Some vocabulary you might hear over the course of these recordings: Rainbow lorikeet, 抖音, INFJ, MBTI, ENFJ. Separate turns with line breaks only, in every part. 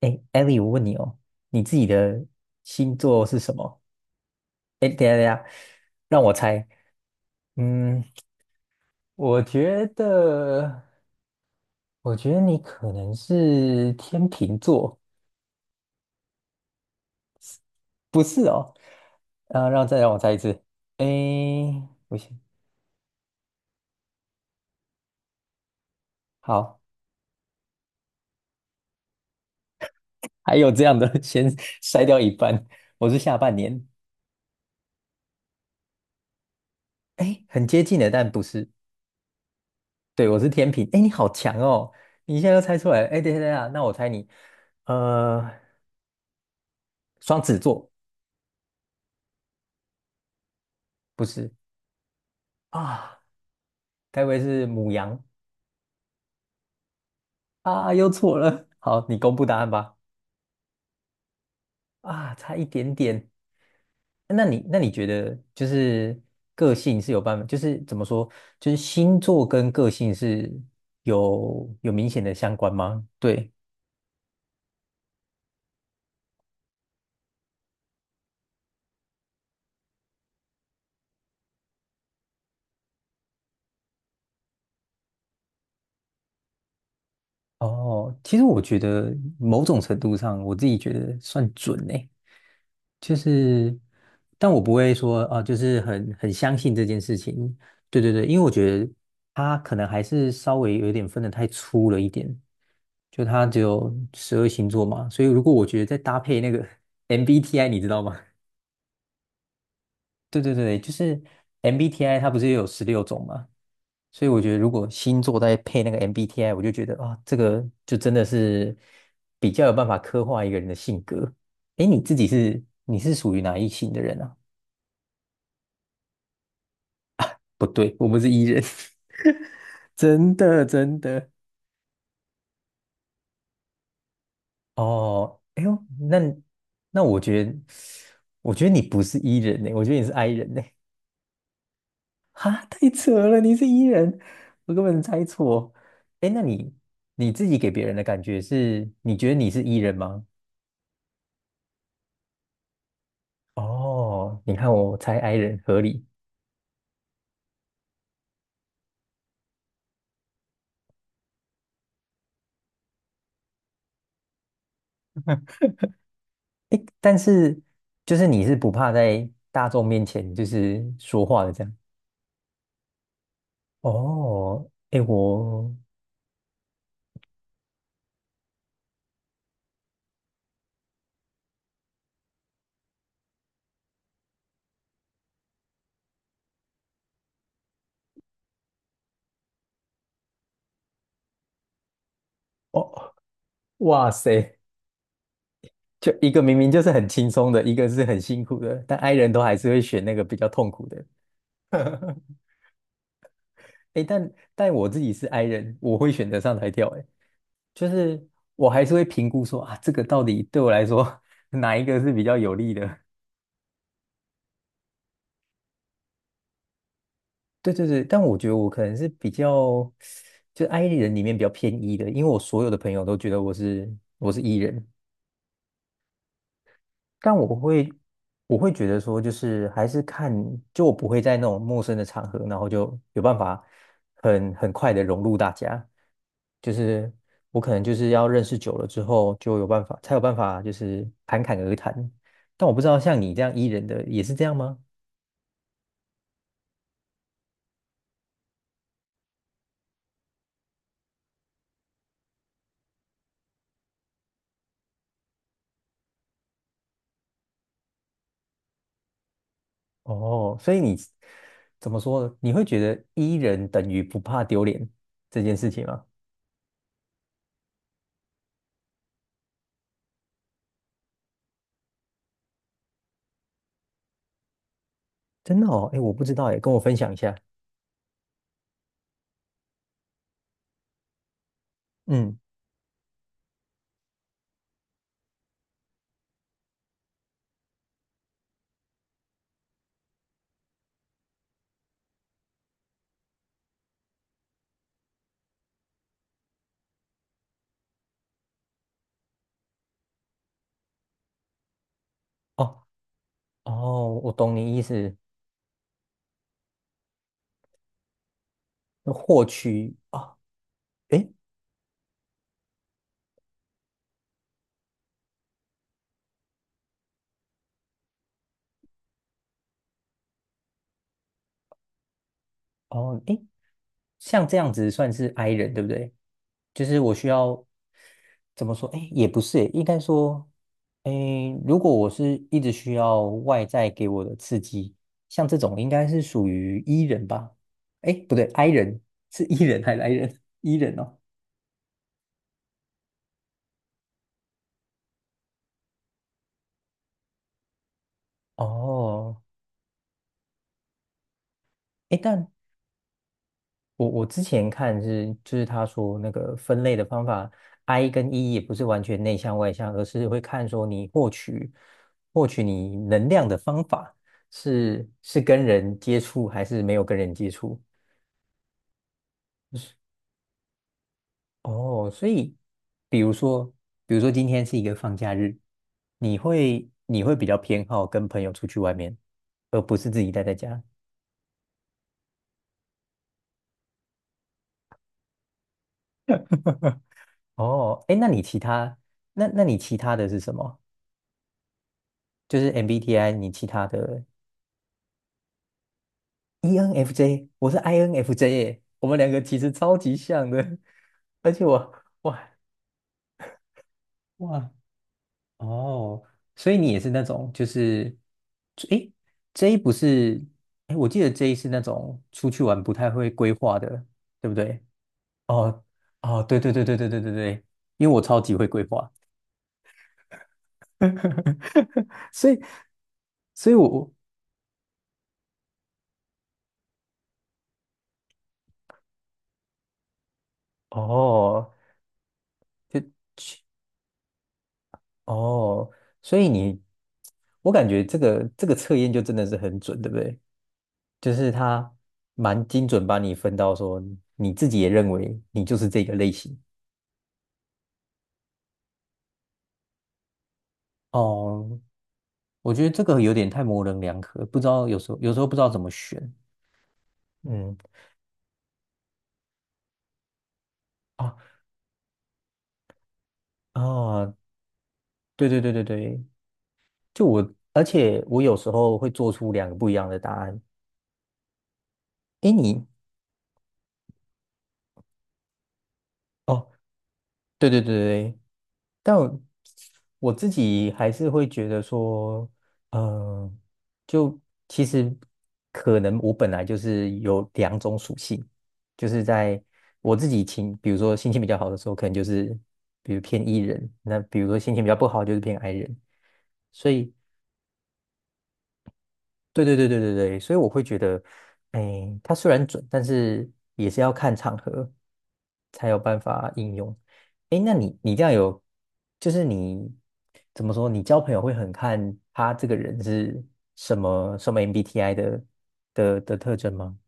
哎艾 l 我问你哦，你自己的星座是什么？哎，等一下等一下，让我猜。嗯，我觉得，我觉得你可能是天秤座，不是哦。啊，让我猜一次。哎，不行，好，还有这样的，先筛掉一半。我是下半年，哎，很接近的，但不是。对，我是天秤。哎，你好强哦，你现在又猜出来了。哎，等一下等一下，那我猜你，呃，双子座不是。啊，该不会是母羊啊？又错了。好，你公布答案吧。啊，差一点点。那你觉得就是个性是有办法，就是怎么说，就是星座跟个性是有明显的相关吗？对。哦，其实我觉得某种程度上，我自己觉得算准呢。就是，但我不会说啊，就是很相信这件事情。对对对，因为我觉得他可能还是稍微有一点分得太粗了一点，就他只有12星座嘛，所以如果我觉得再搭配那个 MBTI，你知道吗？对对对，就是 MBTI 它不是有16种嘛，所以我觉得如果星座再配那个 MBTI，我就觉得啊，这个就真的是比较有办法刻画一个人的性格。诶，你是属于哪一型的人啊？不对，我们是 E 人，真的真的。哦，哎呦，那我觉得，你不是 E 人呢，我觉得你是 I 人呢。哈，太扯了！你是 E 人，我根本猜错。哎，那你自己给别人的感觉是，你觉得你是 E 人吗？哦，你看我猜 I 人合理。哎，但是就是你是不怕在大众面前就是说话的这样。哦，哎我哦，哇塞，就一个明明就是很轻松的，一个是很辛苦的，但 i 人都还是会选那个比较痛苦的。哎但我自己是 i 人，我会选择上台跳。哎，就是我还是会评估说啊，这个到底对我来说 哪一个是比较有利的？对对对，但我觉得我可能是比较，就 i 人里面比较偏 E 的，因为我所有的朋友都觉得我是 E 人，但我会觉得说，就是还是看，就我不会在那种陌生的场合，然后就有办法很快的融入大家。就是我可能就是要认识久了之后，就有办法，才有办法就是侃侃而谈。但我不知道像你这样 E 人的也是这样吗？哦，所以你怎么说呢？你会觉得 E 人等于不怕丢脸这件事情吗？真的哦，哎，我不知道哎，跟我分享一下。嗯，哦哦，我懂你意思。那获取啊，诶，哦，诶，像这样子算是 I 人，对不对？就是我需要怎么说？诶，也不是，应该说，诶，如果我是一直需要外在给我的刺激，像这种应该是属于 E 人吧？诶，不对，I 人是 E 人还是 I 人？E 人哦。哦，诶，但我之前看是，就是他说那个分类的方法，I 跟 E 也不是完全内向外向，而是会看说你获取你能量的方法是跟人接触还是没有跟人接触。哦，所以比如说，比如说今天是一个放假日，你会比较偏好跟朋友出去外面，而不是自己待在家。哦，哎，那你其他那那你其他的是什么？就是 MBTI，你其他的 ENFJ，我是 INFJ，耶我们两个其实超级像的，而且我哇哇哦，所以你也是那种就是诶，J 不是诶，我记得 J 是那种出去玩不太会规划的，对不对？哦哦，对对对对对对对对，因为我超级会规划，所以所以我哦就哦，所以你我感觉这个测验就真的是很准，对不对？就是他蛮精准把你分到说你自己也认为你就是这个类型。哦，我觉得这个有点太模棱两可，不知道有时候不知道怎么选。嗯啊啊，对对对对对，就我，而且我有时候会做出两个不一样的答案。诶，你哦，对对对对，但我自己还是会觉得说，呃，就其实可能我本来就是有两种属性，就是在我自己情，比如说心情比较好的时候，可能就是比如偏 E 人，那比如说心情比较不好就是偏 I 人，所以对对对对对对，所以我会觉得，哎，它虽然准，但是也是要看场合才有办法应用。哎，那你这样有，就是你怎么说，你交朋友会很看他这个人是什么什么 MBTI 的特征吗？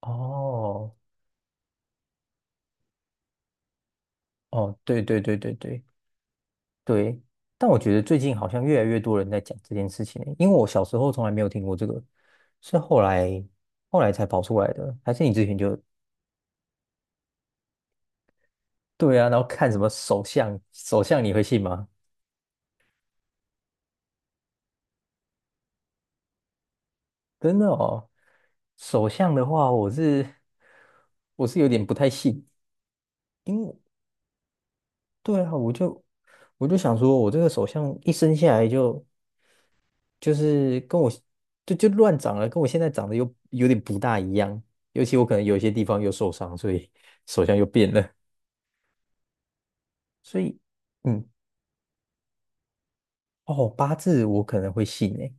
哦哦，对对对对对对，但我觉得最近好像越来越多人在讲这件事情欸因为我小时候从来没有听过这个，是后来才跑出来的，还是你之前就？对啊，然后看什么首相你会信吗？真的哦，首相的话，我是有点不太信，因为对啊，我就想说，我这个首相一生下来就就是跟我就乱长了，跟我现在长得又有点不大一样，尤其我可能有一些地方又受伤，所以首相又变了，所以嗯哦，八字我可能会信诶，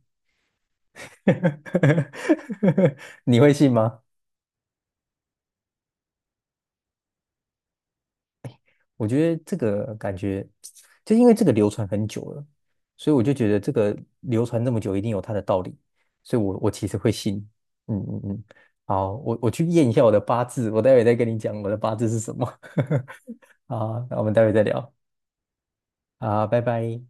你会信吗？我觉得这个感觉，就因为这个流传很久了，所以我就觉得这个流传这么久，一定有它的道理，所以我其实会信。嗯嗯嗯，好，我去验一下我的八字，我待会再跟你讲我的八字是什么。好，那我们待会再聊。好，拜拜。